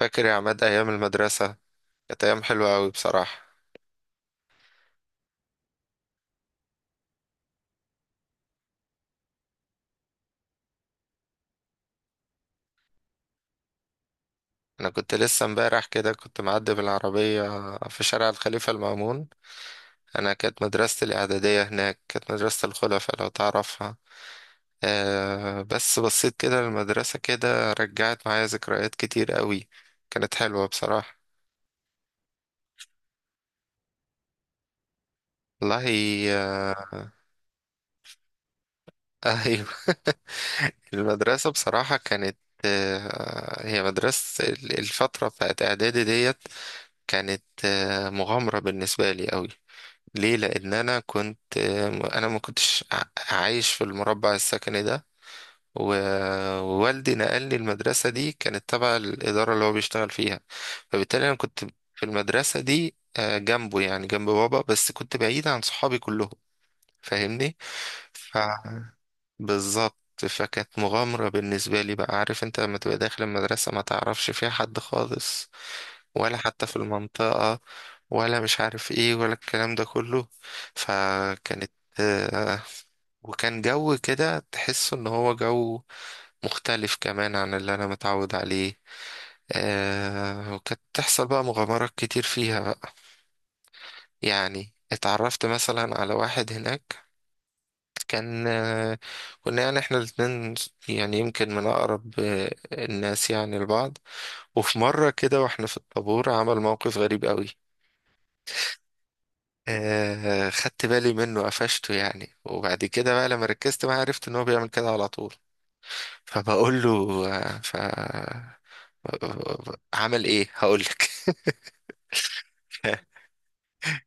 فاكر يا عماد أيام المدرسة؟ كانت أيام حلوة أوي بصراحة. أنا كنت لسه امبارح كده كنت معدي بالعربية في شارع الخليفة المأمون. أنا كانت مدرستي الإعدادية هناك، كانت مدرسة الخلفاء لو تعرفها. أه، بس بصيت كده للمدرسة كده رجعت معايا ذكريات كتير أوي، كانت حلوة بصراحة. والله آه، أيوه. المدرسة بصراحة كانت هي مدرسة الفترة بتاعت إعدادي ديت، كانت مغامرة بالنسبة لي أوي. ليه؟ لان انا كنت، انا ما كنتش ع- عايش في المربع السكني ده. و- ووالدي نقلني المدرسة دي، كانت تبع الإدارة اللي هو بيشتغل فيها. فبالتالي أنا كنت في المدرسة دي جنبه، يعني جنب بابا، بس كنت بعيد عن صحابي كلهم، فاهمني. بالظبط، فكانت مغامرة بالنسبة لي. بقى عارف انت لما تبقى داخل المدرسة ما تعرفش فيها حد خالص، ولا حتى في المنطقة، ولا مش عارف ايه ولا الكلام ده كله. فكانت آه، وكان جو كده تحس ان هو جو مختلف كمان عن اللي انا متعود عليه. وكانت تحصل بقى مغامرات كتير فيها بقى. يعني اتعرفت مثلا على واحد هناك، كان كنا يعني احنا الاتنين يعني يمكن من أقرب الناس يعني لبعض. وفي مرة كده واحنا في الطابور عمل موقف غريب قوي. آه، خدت بالي منه، قفشته يعني، وبعد كده بقى لما ركزت معاه عرفت ان هو بيعمل كده على طول. فبقول له آه، ف عمل ايه؟ هقولك.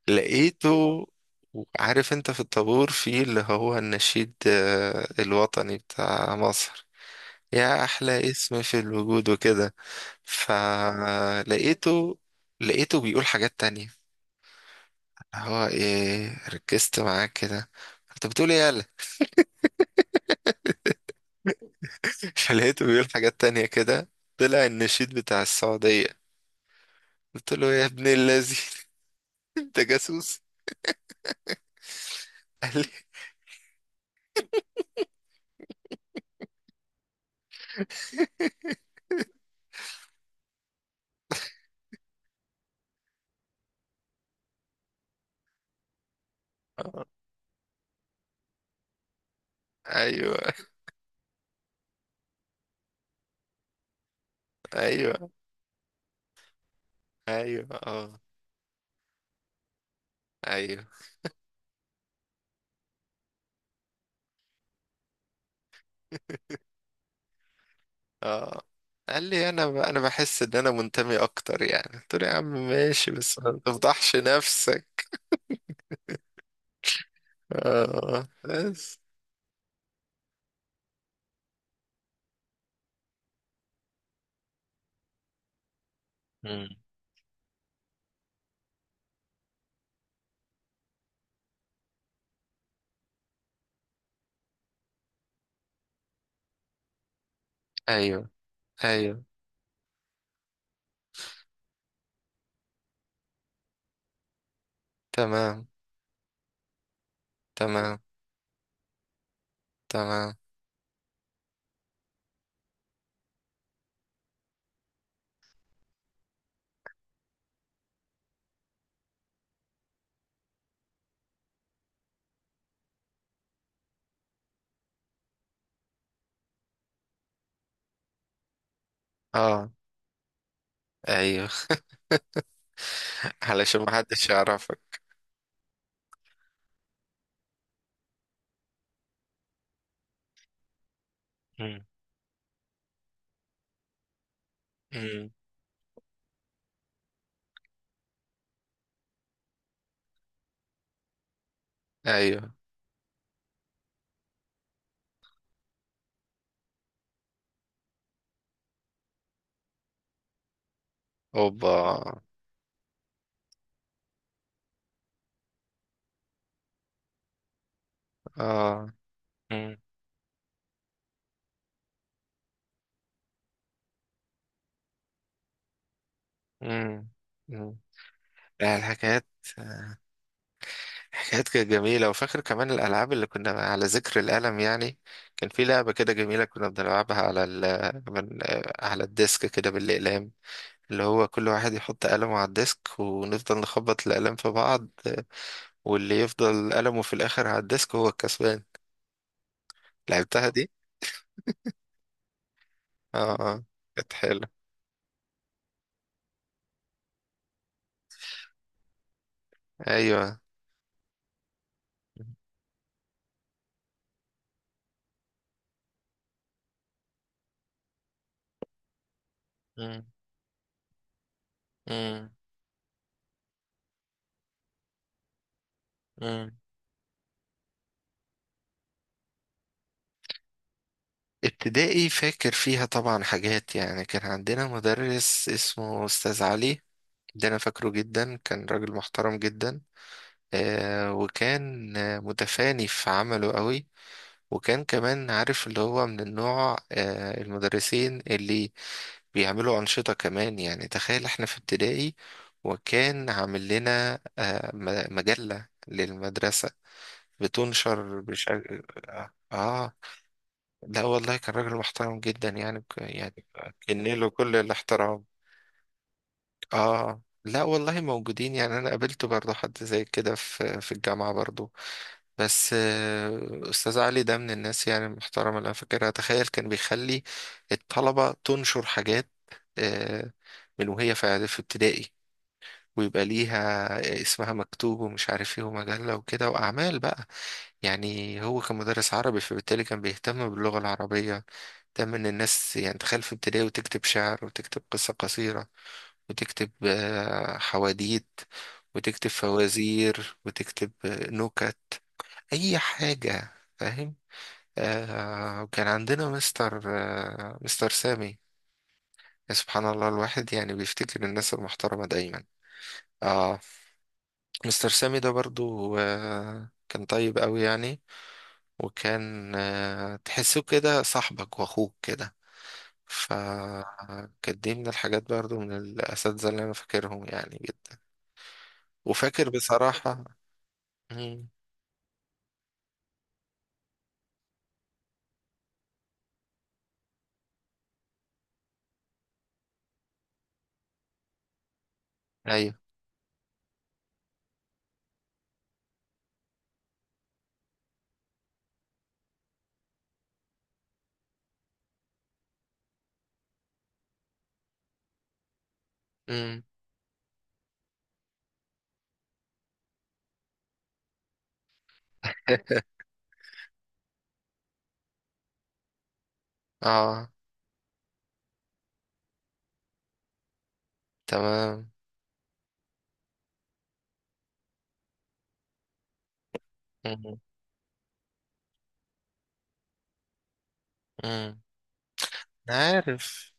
لقيته، عارف انت في الطابور في اللي هو النشيد الوطني بتاع مصر، يا احلى اسم في الوجود وكده، فلقيته، لقيته بيقول حاجات تانية. هو ايه؟ ركزت معاه كده، انت بتقول ايه يالا؟ فلقيته بيقول حاجات تانية كده، طلع النشيد بتاع السعودية. قلت له يا ابن الذي انت جاسوس. قال لي آه، ايوه ايوه ايوه، اه ايوه. اه، قال لي انا ب... انا بحس ان انا منتمي اكتر، يعني قلت له يا عم ماشي بس ما تفضحش نفسك. اه بس. مم، ايوه، ايوه، تمام، تمام، تمام، اه، ايوه. علشان ما حدش يعرفك. مم. مم. ايوه. اوبا. اه. مم. مم. مم. لا، الحكايات، الحكايات كانت جميلة. وفاكر كمان الألعاب اللي كنا، على ذكر القلم يعني، كان في لعبة كده جميلة كنا بنلعبها على ال، على الديسك كده بالأقلام، اللي هو كل واحد يحط قلمه على الديسك ونفضل نخبط الأقلام في بعض، واللي يفضل قلمه في الآخر على الديسك هو الكسبان. لعبتها دي. اه اه، كانت حلوة. ايوه. مم. مم. مم. ابتدائي فاكر فيها طبعا حاجات. يعني كان عندنا مدرس اسمه أستاذ علي، ده أنا فاكره جدا، كان راجل محترم جدا. آه، وكان متفاني في عمله قوي. وكان كمان عارف اللي هو من النوع آه المدرسين اللي بيعملوا أنشطة كمان، يعني تخيل احنا في ابتدائي وكان عامل لنا مجلة للمدرسة بتنشر بشكل آه لا والله كان راجل محترم جدا يعني، يعني كني له كل الاحترام. آه، لا والله موجودين، يعني أنا قابلت برضه حد زي كده في في الجامعة برضه، بس أستاذ علي ده من الناس يعني المحترمة اللي أنا فاكرها. تخيل كان بيخلي الطلبة تنشر حاجات آه، من وهي في في ابتدائي، ويبقى ليها اسمها مكتوب، ومش عارف ايه، ومجلة وكده وأعمال بقى. يعني هو كان مدرس عربي فبالتالي كان بيهتم باللغة العربية. تم ان الناس يعني تخيل في ابتدائي وتكتب شعر وتكتب قصة قصيرة وتكتب حواديت وتكتب فوازير وتكتب نكت، اي حاجة فاهم. آه، وكان عندنا مستر مستر سامي. يا سبحان الله، الواحد يعني بيفتكر الناس المحترمة دايما. اه، مستر سامي ده برضو آه كان طيب قوي يعني، وكان تحسه كده صاحبك واخوك كده. فكانت دي من الحاجات برضو، من الاساتذه اللي انا فاكرهم يعني جدا. وفاكر بصراحه. مم. ايوه. مم. اه. تمام. مم. مم. عارف.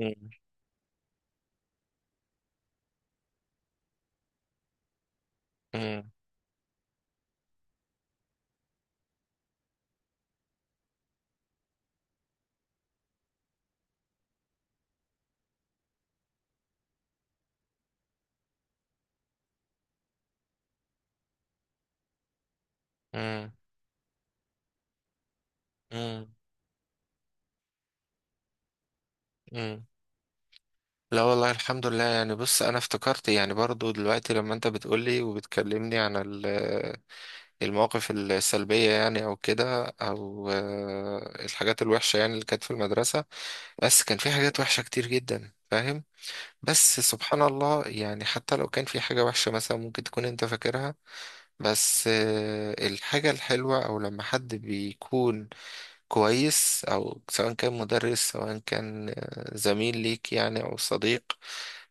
مم. مم. مم. مم. مم. لا والله الحمد لله يعني. بص انا افتكرت يعني برضو دلوقتي لما انت بتقولي وبتكلمني عن ال المواقف السلبية يعني، أو كده، أو الحاجات الوحشة يعني اللي كانت في المدرسة. بس كان في حاجات وحشة كتير جدا فاهم. بس سبحان الله، يعني حتى لو كان في حاجة وحشة مثلا ممكن تكون أنت فاكرها، بس الحاجة الحلوة أو لما حد بيكون كويس، أو سواء كان مدرس سواء كان زميل ليك يعني أو صديق،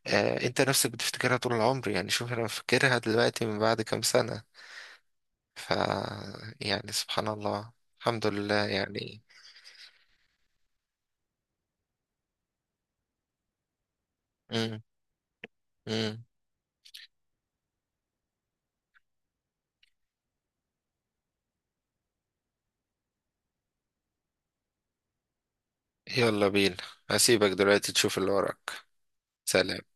أنت نفسك بتفتكرها طول العمر. يعني شوف أنا فاكرها دلوقتي من بعد كام سنة. ف يعني سبحان الله، الحمد لله يعني. امم. امم. يلا بينا، هسيبك دلوقتي تشوف اللي وراك. سلام.